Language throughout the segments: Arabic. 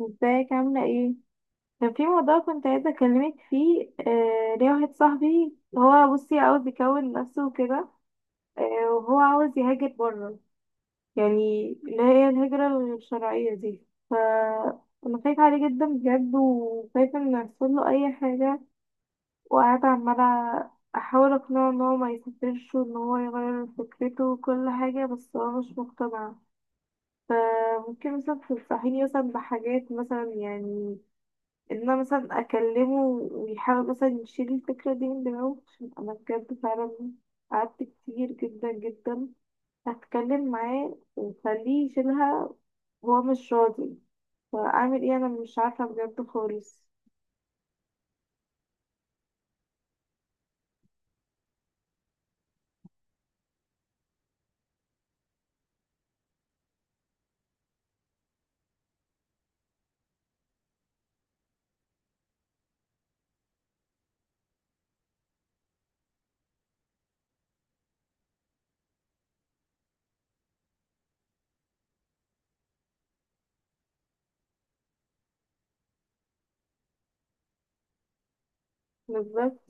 ازيك عاملة ايه؟ كان في موضوع كنت عايزة اكلمك فيه، ليه واحد صاحبي هو، بصي، عاوز يكون نفسه وكده. وهو عاوز يهاجر بره، يعني اللي هي الهجرة الشرعية دي. ف انا خايفة عليه جدا بجد، وخايفة ان يحصله اي حاجة، وقاعدة عمالة احاول اقنعه ان هو ما يسافرش، وان هو يغير فكرته وكل حاجة، بس هو مش مقتنع. فممكن مثلا تنصحيني مثلا بحاجات مثلا، يعني ان انا مثلا اكلمه ويحاول مثلا يشيل الفكرة دي من دماغه، عشان انا بجد فعلا قعدت كتير جدا جدا هتكلم معاه وخليه يشيلها وهو مش راضي. فاعمل ايه؟ انا مش عارفة بجد خالص. بالذات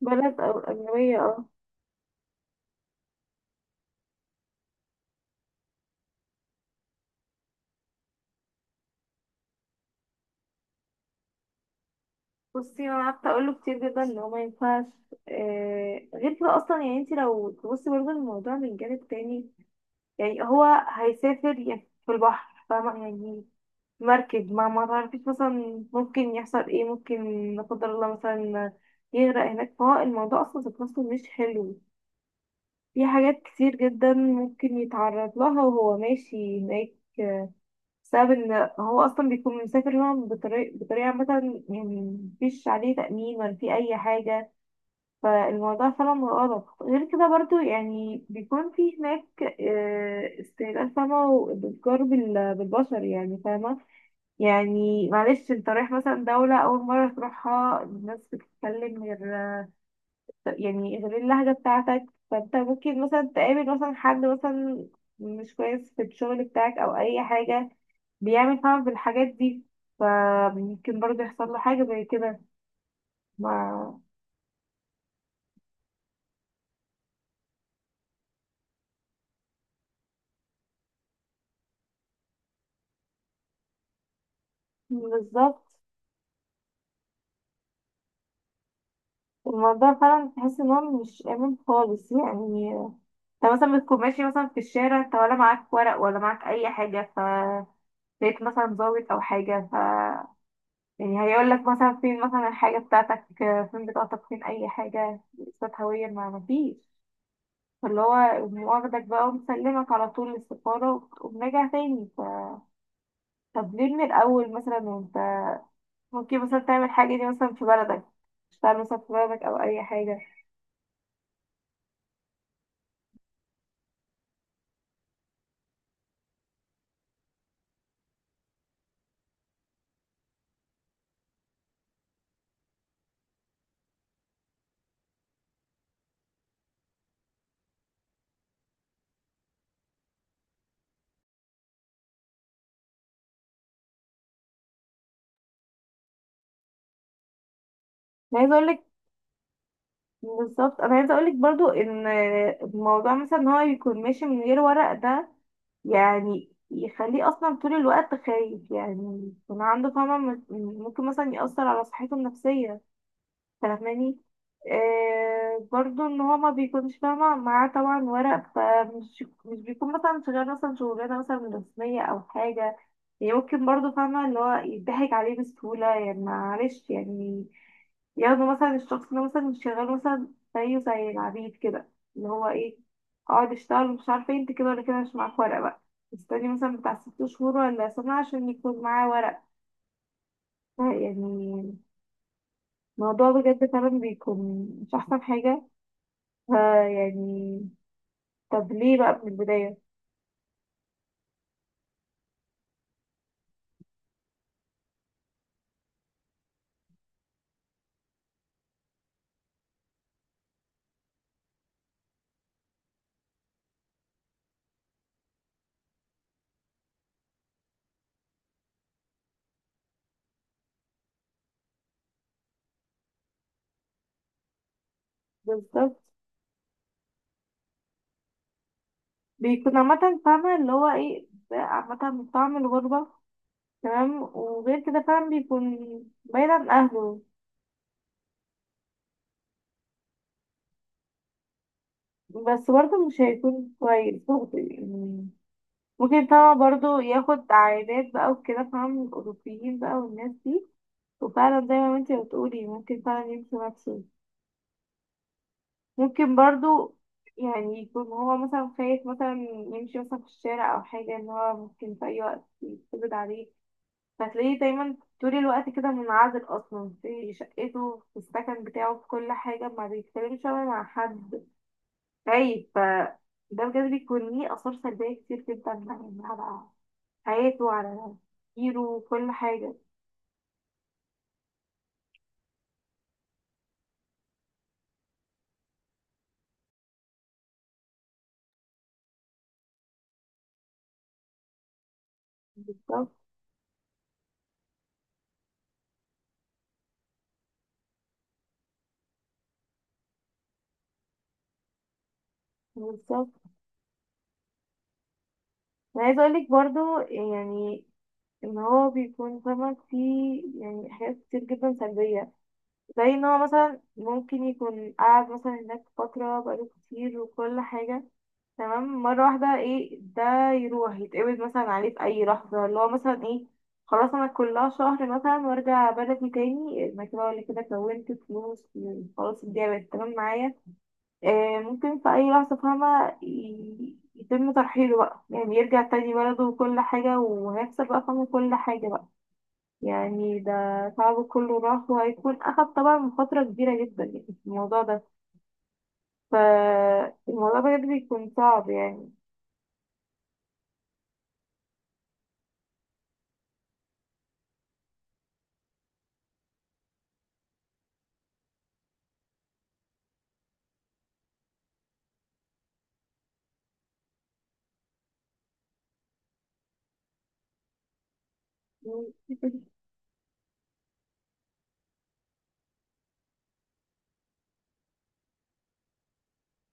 بلد او اجنبية، اه. بصي انا قعدت اقول له كتير جدا ان هو ما ينفعش، غير كده اصلا. يعني انت لو تبصي برضه الموضوع من جانب تاني، يعني هو هيسافر يعني في البحر، فاهمة؟ يعني مركب، ما تعرفيش مثلا ممكن يحصل ايه. ممكن لا قدر الله مثلا يغرق هناك. فهو الموضوع اصلا ذات نفسه مش حلو، في حاجات كتير جدا ممكن يتعرض لها وهو ماشي هناك. آه، بسبب ان هو اصلا بيكون مسافر هنا بطريقة مثلا، يعني مفيش عليه تأمين ولا في اي حاجة. فالموضوع فعلا غلط. غير كده برضو، يعني بيكون في هناك استهلاك، فاهمة؟ وبتجار بالبشر، يعني فاهمة. يعني معلش، انت رايح مثلا دولة أول مرة تروحها، الناس بتتكلم غير، يعني غير اللهجة بتاعتك. فانت ممكن مثلا تقابل مثلا حد مثلا مش كويس في الشغل بتاعك أو أي حاجة، بيعمل فعلا في الحاجات دي. فممكن برضه يحصل له حاجة زي كده. ما بالظبط. الموضوع فعلا تحس ان هو مش آمن خالص يعني. انت مثلا بتكون ماشي مثلا في الشارع، انت ولا معاك ورق ولا معاك أي حاجة. لقيت مثلا ضابط أو حاجة، يعني هيقول لك مثلا فين مثلا الحاجة بتاعتك، فين بطاقتك، فين أي حاجة، إثبات هوية، ما مفيش. فاللي هو يقوم واخدك بقى ومسلمك على طول للسفارة، وبنرجع تاني. طب ليه من الأول مثلا وأنت ممكن مثلا تعمل حاجة دي مثلا في بلدك؟ تشتغل مثلا في بلدك أو أي حاجة. أنا عايزة أقول لك، بالظبط، أنا عايزة أقول لك برضو إن الموضوع مثلا إن هو يكون ماشي من غير ورق ده، يعني يخليه اصلا طول الوقت خايف، يعني يكون عنده، فما ممكن مثلا يأثر على صحته النفسية، فاهماني؟ آه، برضو ان هو ما بيكونش، فاهمة، معاه طبعا ورق، فمش مش بيكون مثلا شغال مثلا شغلانة مثلا رسمية او حاجة. يعني ممكن برضو، فاهمة، اللي هو يضحك عليه بسهولة. يعني معلش، يعني ياخدوا مثلا الشخص ده مثلا، مش شغال مثلا، زيه زي العبيد كده، اللي هو ايه، اقعد اشتغل مش عارفة إيه، انت كده ولا كده مش معاك ورق بقى. استني مثلا بتاع 6 شهور ولا سنة عشان يكون معاه ورق. يعني الموضوع بجد فعلا بيكون مش أحسن حاجة. ها يعني طب ليه بقى من البداية؟ بالظبط. بيكون عامة، فاهمة، اللي هو ايه ده، عامة من طعم الغربة. تمام. وغير كده فعلا بيكون بعيد عن أهله. بس برضه مش هيكون كويس برضه يعني. ممكن طبعا برضه ياخد عائلات بقى وكده، فاهم، الأوروبيين بقى والناس دي. وفعلا زي ما انتي بتقولي، ممكن فعلا يمشي نفسه. ممكن برضو يعني يكون هو مثلا خايف مثلا يمشي مثلا في الشارع او حاجة، ان هو ممكن في اي وقت يتقبض عليه. فتلاقيه دايما طول الوقت كده منعزل اصلا، في شقته، في السكن بتاعه، في كل حاجة، ما بيتكلمش ولا مع حد، خايف. ده بجد بيكون ليه اثار سلبية كتير جدا يعني، على حياته، على تفكيره وكل حاجة. بالظبط بالظبط انا عايزة اقولك برضو، يعني ان هو بيكون، فاهمة، فيه يعني حاجات كتير جدا سلبية. زي ان هو مثلا ممكن يكون قاعد مثلا هناك فترة بقاله كتير وكل حاجة، تمام، مرة واحدة، ايه ده، يروح يتقبض مثلا عليه في اي لحظة. اللي هو مثلا ايه، خلاص انا كلها شهر مثلا وارجع بلدي تاني، انا كده ولا كده كونت فلوس، خلاص الدنيا بقت تمام معايا. آه، ممكن في اي لحظة، فاهمة، يتم ترحيله بقى، يعني يرجع تاني بلده وكل حاجة، وهيخسر بقى، فاهمة، كل حاجة بقى. يعني ده تعبه كله راح. وهيكون أخد طبعا فترة كبيرة جدا يعني في الموضوع ده. فالموضوع بجد بيكون صعب يعني.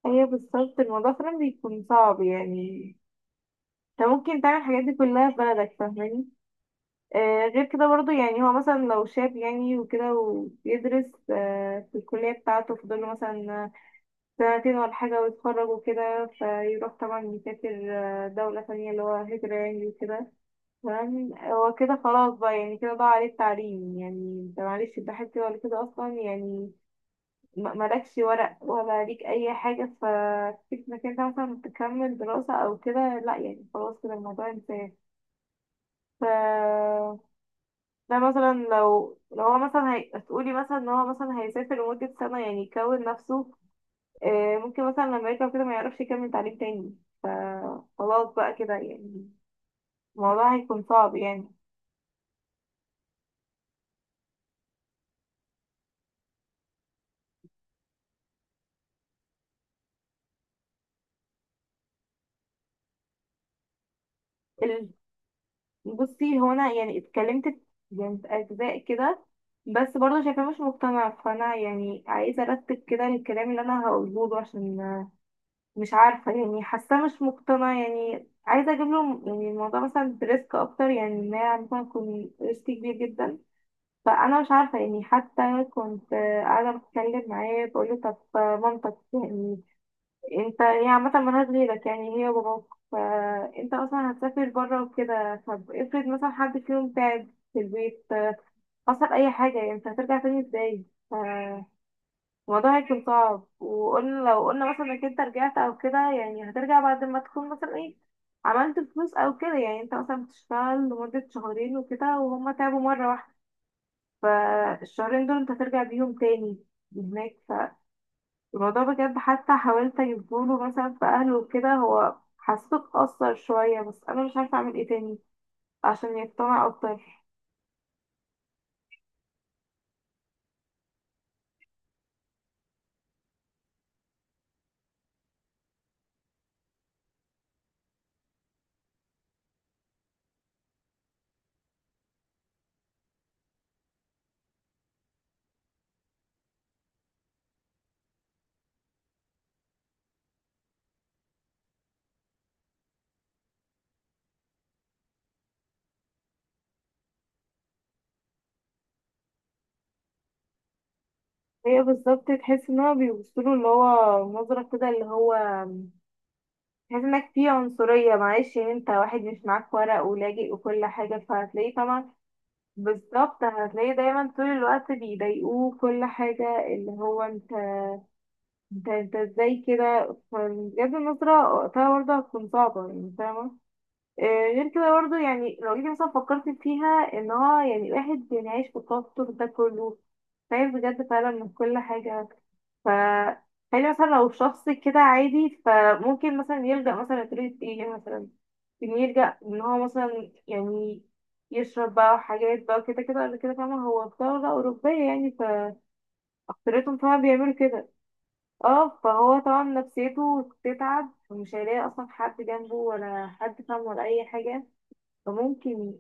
هي بالظبط. الموضوع فعلا بيكون صعب يعني. انت ممكن تعمل الحاجات دي كلها في بلدك، فاهماني؟ آه، غير كده برضو، يعني هو مثلا لو شاب يعني وكده، وبيدرس آه في الكلية بتاعته، فاضل له مثلا سنتين ولا حاجة ويتخرج وكده، فيروح طبعا يسافر آه، دولة ثانية، اللي هو هجرة يعني وكده، تمام. هو كده خلاص بقى، يعني كده ضاع عليه التعليم، يعني انت معلش الدحيح كده ولا كده اصلا، يعني مالكش ورق ولا ليك اي حاجة، ففكرة انك انت مثلا تكمل دراسة او كده لا، يعني خلاص كده الموضوع انتهى. ف ده مثلا لو هو مثلا تقولي مثلا ان هو مثلا هيسافر لمدة سنة يعني يكون نفسه، آه، ممكن مثلا لما يرجع كده ما يعرفش يكمل تعليم تاني. فخلاص بقى كده يعني الموضوع هيكون صعب يعني. بصي هو انا يعني اتكلمت، يعني في اجزاء كده، بس برضه شايفاه مش مقتنع. فانا يعني عايزه ارتب كده الكلام اللي انا هقوله له، عشان مش عارفه، يعني حاساه مش مقتنع. يعني عايزه اجيب له يعني الموضوع مثلا بريسك اكتر، يعني ان هي مثلا يكون ريسك كبير جدا. فانا مش عارفه يعني. حتى كنت قاعده بتكلم معاه، بقول له طب مامتك يعني، انت هي عامة ملهاش غيرك، يعني هي وباباك، فانت اصلا هتسافر بره وكده، طب افرض مثلا حد فيهم تعب في البيت، حصل اي حاجة، يعني انت هترجع تاني ازاي؟ ف- الموضوع هيكون صعب. وقلنا لو قلنا مثلا انك انت رجعت او كده، يعني هترجع بعد ما تكون مثلا ايه، عملت فلوس او كده. يعني انت مثلا بتشتغل لمدة شهرين وكده وهما تعبوا مرة واحدة، فالشهرين دول انت هترجع بيهم تاني هناك. الموضوع بجد. حتى حاولت اجيبهوله مثلا في اهله وكده، هو حسيته اتأثر شوية، بس انا مش عارفة اعمل ايه تاني عشان يقتنع اكتر. هي بالظبط. تحس ان هو بيبصله، اللي هو نظرة كده، اللي هو تحس انك فيه عنصرية. معلش، يعني انت واحد مش معاك ورق ولاجئ وكل حاجة، فهتلاقيه طبعا. بالظبط. هتلاقيه دايما طول الوقت بيضايقوه كل حاجة، اللي هو انت ازاي كده. فبجد النظرة وقتها برضه هتكون صعبة، يعني فاهمة. آه، غير كده برضه، يعني لو جيتي مثلا فكرت فيها، ان هو يعني الواحد يعني عايش في التوتر ده كله، خايف بجد فعلا من كل حاجة. ف خلي مثلا لو شخص كده عادي، فممكن مثلا يلجأ مثلا لطريقة ايه مثلا، إن يلجأ ان هو مثلا يعني يشرب بقى حاجات بقى كده، كده قبل كده، فاهمة، هو في دولة أوروبية يعني، فأكترتهم فعلا بيعملوا كده. اه فهو طبعا نفسيته تتعب، ومش هيلاقي أصلا حد جنبه، ولا حد فاهم، ولا أي حاجة. فممكن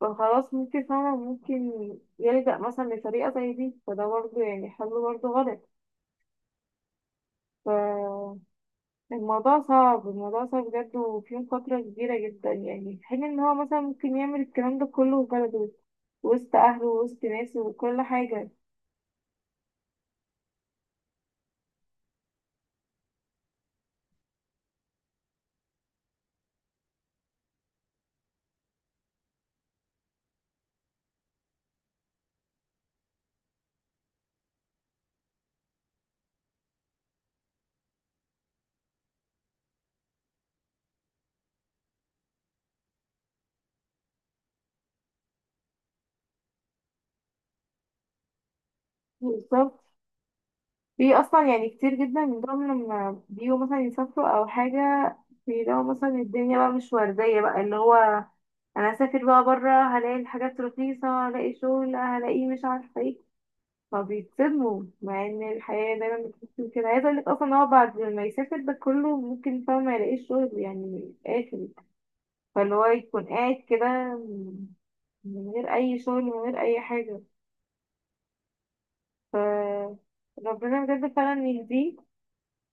فخلاص، ممكن فعلا ممكن يلجأ مثلا لطريقة زي دي. فده برضه يعني حل برضه غلط. فالموضوع صعب، الموضوع صعب بجد، وفيه مخاطرة كبيرة جدا يعني، في حين ان هو مثلا ممكن يعمل الكلام ده كله في بلده، وسط أهله، وسط ناسه وكل حاجة. بالظبط. في أصلا يعني كتير جدا من دول لما بيجوا مثلا يسافروا أو حاجة، بيلاقوا مثلا الدنيا بقى مش وردية بقى. اللي هو انا هسافر بقى بره، هلاقي الحاجات رخيصه، هلاقي شغل، هلاقي مش عارفه ايه. فبيتصدموا مع ان الحياه دايما بتكون كده. عايزه اقول لك اصلا إن هو بعد ما يسافر ده كله، ممكن، فاهم، ما يلاقيش شغل، يعني من الاخر. فاللي هو يكون قاعد كده من غير اي شغل، من غير اي حاجه. ف ربنا بجد فعلا يهديه.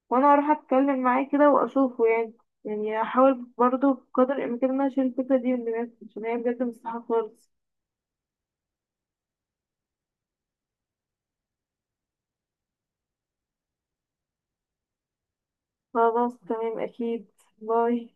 وانا اروح اتكلم معاه كده واشوفه يعني. يعني احاول برضه بقدر الامكان ان انا اشيل الفكره دي من دماغي، عشان هي بجد مستحيله خالص. خلاص تمام، أكيد. باي.